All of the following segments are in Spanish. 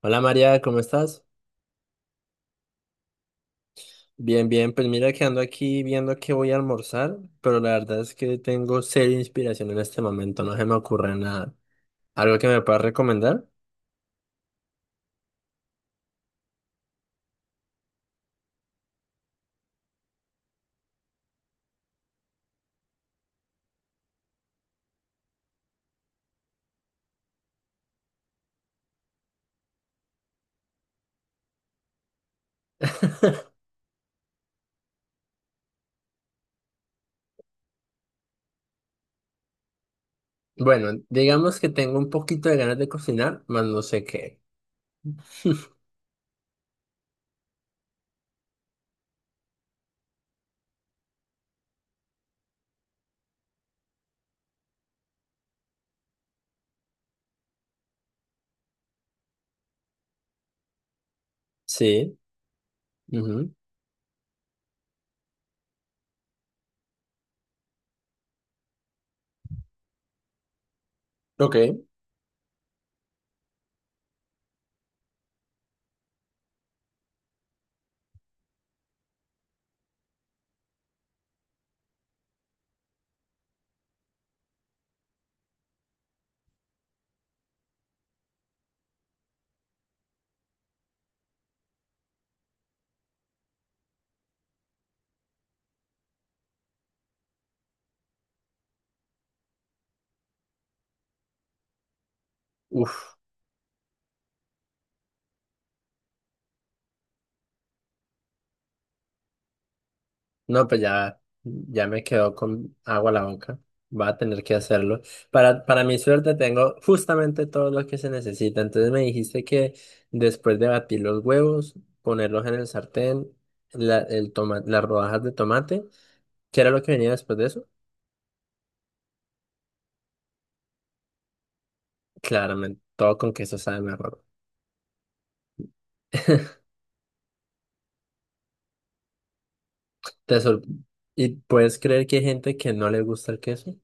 Hola María, ¿cómo estás? Bien, bien, pues mira que ando aquí viendo qué voy a almorzar, pero la verdad es que tengo seria inspiración en este momento, no se me ocurre nada. ¿Algo que me puedas recomendar? Bueno, digamos que tengo un poquito de ganas de cocinar, más no sé qué. Sí, ujú, ok, uf. No, pues ya, ya me quedó con agua a la boca. Va a tener que hacerlo. Para mi suerte tengo justamente todo lo que se necesita. Entonces me dijiste que después de batir los huevos, ponerlos en el sartén, las rodajas de tomate, ¿qué era lo que venía después de eso? Claramente, todo con queso sabe mejor. Te sor- ¿Y puedes creer que hay gente que no le gusta el queso?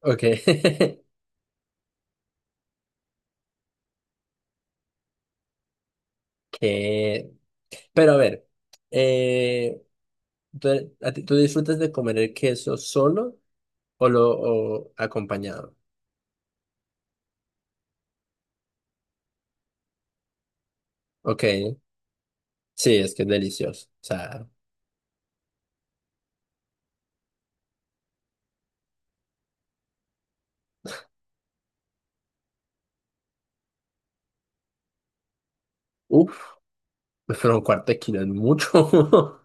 Ok. Que... Pero a ver. Eh, ¿Tú, tú disfrutas de comer el queso solo o lo o acompañado? Ok, sí, es que es delicioso. O sea, uff, pero un cuarto de kilo es mucho.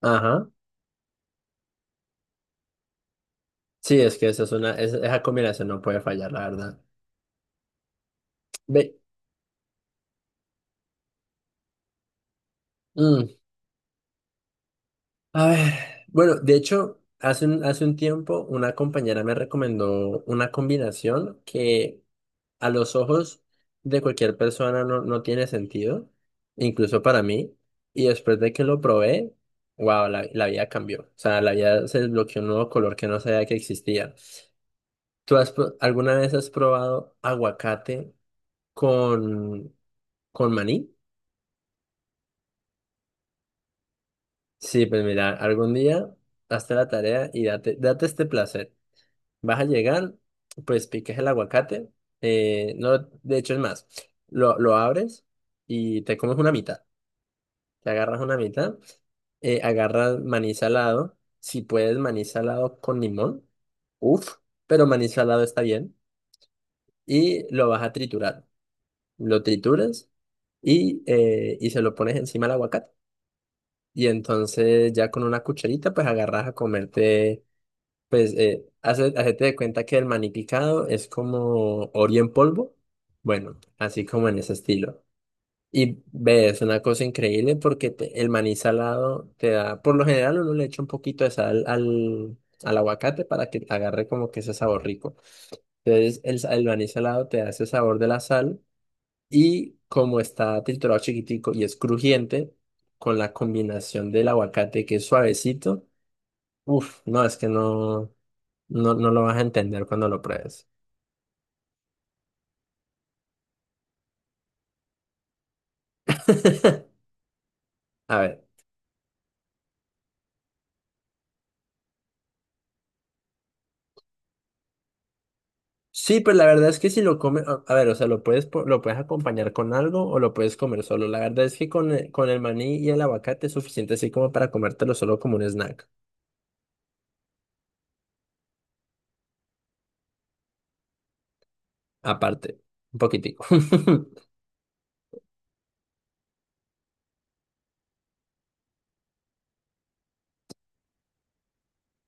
Ajá. Sí, es que esa es una, esa combinación no puede fallar, la verdad. Ve, mm, a ver, bueno, de hecho, hace un tiempo una compañera me recomendó una combinación que a los ojos de cualquier persona no tiene sentido, incluso para mí. Y después de que lo probé, wow, la vida cambió. O sea, la vida se desbloqueó un nuevo color que no sabía que existía. ¿Tú has, alguna vez has probado aguacate con, con maní? Sí, pues mira, algún día hazte la tarea y date este placer. Vas a llegar, pues piques el aguacate. No, de hecho es más, lo abres y te comes una mitad. Te agarras una mitad, agarras maní salado. Si puedes, maní salado con limón. Uff, pero maní salado está bien. Y lo vas a triturar. Lo trituras y se lo pones encima al aguacate. Y entonces ya con una cucharita pues agarras a comerte, hacete de cuenta que el maní picado es como Oreo en polvo. Bueno, así como en ese estilo. Y ve, es una cosa increíble porque el maní salado te da, por lo general uno le echa un poquito de sal al aguacate para que agarre como que ese sabor rico. Entonces el maní salado te da ese sabor de la sal y como está triturado chiquitico y es crujiente, con la combinación del aguacate que es suavecito, uff, no, es que no lo vas a entender cuando lo pruebes. A ver. Sí, pues la verdad es que si lo comes, a ver, o sea, lo puedes acompañar con algo o lo puedes comer solo. La verdad es que con el maní y el aguacate es suficiente así como para comértelo solo como un snack. Aparte, un poquitico.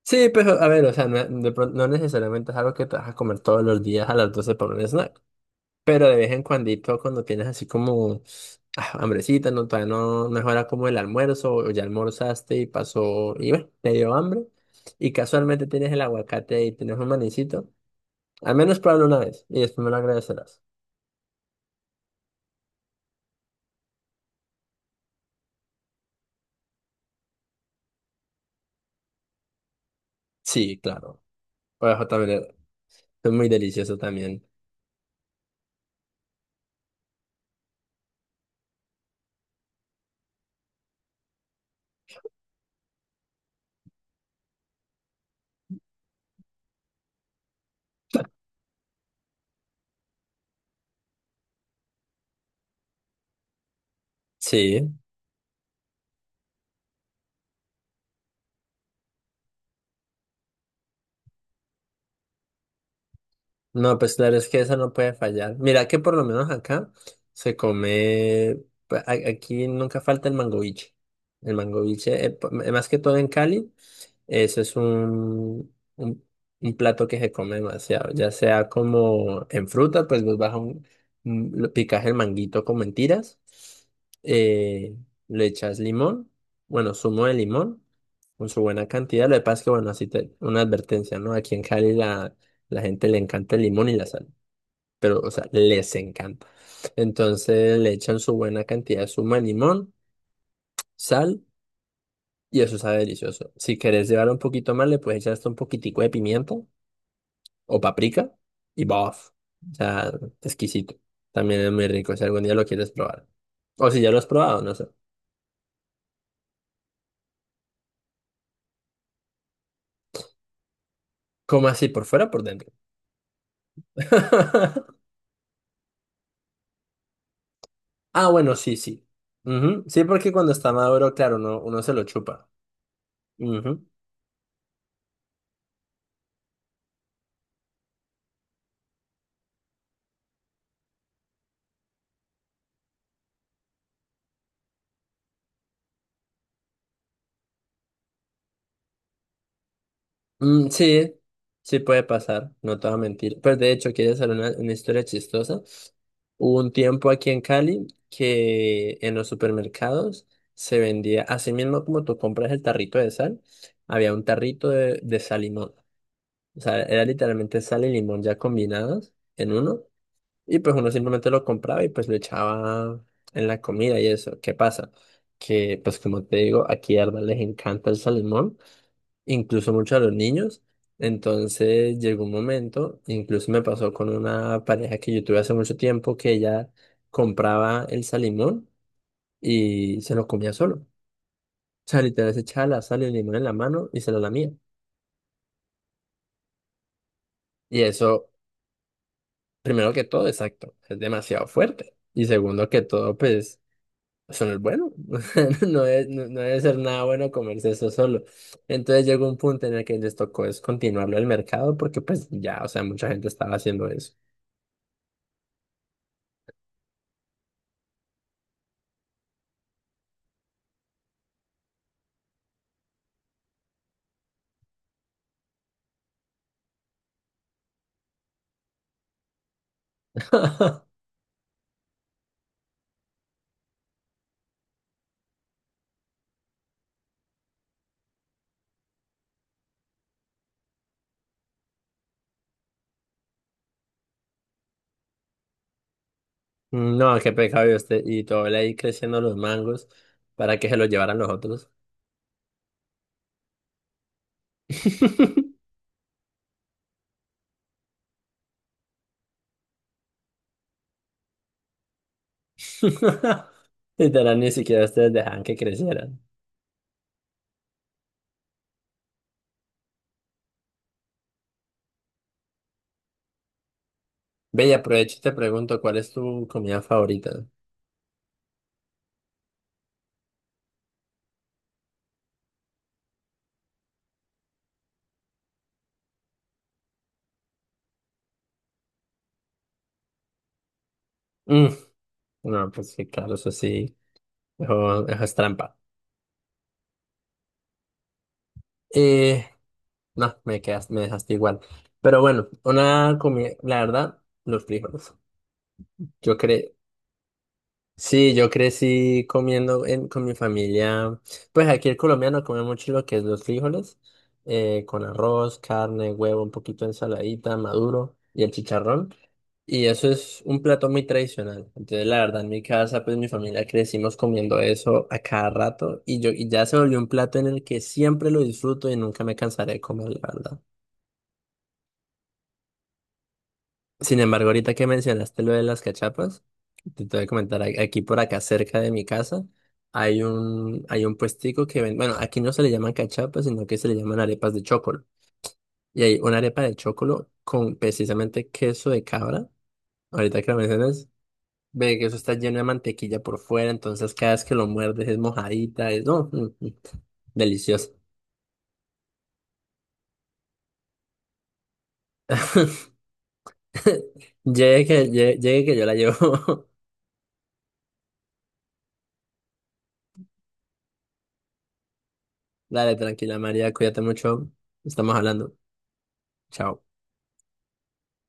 Sí, pero a ver, o sea, no, no necesariamente es algo que te vas a comer todos los días a las 12 por un snack. Pero de vez en cuandito, cuando tienes así como ah, hambrecita, no, todavía no mejora como el almuerzo o ya almorzaste y pasó, y bueno, te dio hambre. Y casualmente tienes el aguacate y tienes un manicito. Al menos pruébalo una vez y después me lo agradecerás. Sí, claro. Orejo también es muy delicioso también. Sí. No, pues claro, es que eso no puede fallar. Mira que por lo menos acá se come, pues, aquí nunca falta el mangoviche. El mangoviche, más que todo en Cali, eso es un plato que se come demasiado. Ya sea como en fruta, pues vos vas a lo picas el manguito con mentiras, eh, le echas limón, bueno, zumo de limón con su buena cantidad. Lo que pasa es que, bueno, así te, una advertencia, ¿no? Aquí en Cali la gente le encanta el limón y la sal, pero, o sea, les encanta. Entonces le echan su buena cantidad de zumo de limón, sal, y eso sabe delicioso. Si querés llevar un poquito más, le puedes echar hasta un poquitico de pimiento o paprika y ¡bof! O sea, exquisito. También es muy rico si algún día lo quieres probar. O si ya lo has probado, no sé. ¿Cómo así? ¿Por fuera o por dentro? Ah, bueno, sí, sí. Ujú, sí, porque cuando está maduro, claro, uno se lo chupa. Ujú. Mm, sí, sí puede pasar, no te voy a mentir. Pues de hecho, ¿quieres saber una historia chistosa? Hubo un tiempo aquí en Cali que en los supermercados se vendía, así mismo como tú compras el tarrito de sal, había un tarrito de sal y limón. O sea, era literalmente sal y limón ya combinados en uno. Y pues uno simplemente lo compraba y pues lo echaba en la comida y eso. ¿Qué pasa? Que pues como te digo, aquí a Arda les encanta el sal y limón incluso mucho a los niños. Entonces llegó un momento, incluso me pasó con una pareja que yo tuve hace mucho tiempo, que ella compraba el salimón y se lo comía solo. O sea, literal se echaba la sal y el limón en la mano y se lo lamía. Y eso, primero que todo, exacto, es demasiado fuerte. Y segundo que todo, pues, eso no es bueno. O sea, no debe ser nada bueno comerse eso solo. Entonces llegó un punto en el que les tocó descontinuarlo del mercado porque pues ya, o sea, mucha gente estaba haciendo eso. No, qué pecado y usted y todo él ahí creciendo los mangos para que se los llevaran los otros. Literal, ni siquiera ustedes dejaban que crecieran. Ve, y aprovecho y te pregunto, ¿cuál es tu comida favorita? Mm, no, pues sí, claro, eso sí, eso es trampa. Eh, no, me quedas, me dejaste igual. Pero bueno, una comida, la verdad, los frijoles. Yo creo, sí, yo crecí con mi familia. Pues aquí el colombiano come mucho lo que es los frijoles, con arroz, carne, huevo, un poquito de ensaladita, maduro y el chicharrón. Y eso es un plato muy tradicional. Entonces, la verdad, en mi casa, pues mi familia crecimos comiendo eso a cada rato y yo y ya se volvió un plato en el que siempre lo disfruto y nunca me cansaré de comer, la verdad. Sin embargo, ahorita que mencionaste lo de las cachapas. Te voy a comentar, aquí por acá cerca de mi casa hay un puestico que vende, bueno, aquí no se le llaman cachapas, sino que se le llaman arepas de chocolo. Y hay una arepa de chocolo con precisamente queso de cabra. Ahorita que lo mencionas, ve que eso está lleno de mantequilla por fuera, entonces cada vez que lo muerdes es mojadita, es, no, delicioso. Llegue, llegue que yo la llevo. Dale, tranquila María, cuídate mucho, estamos hablando. Chao.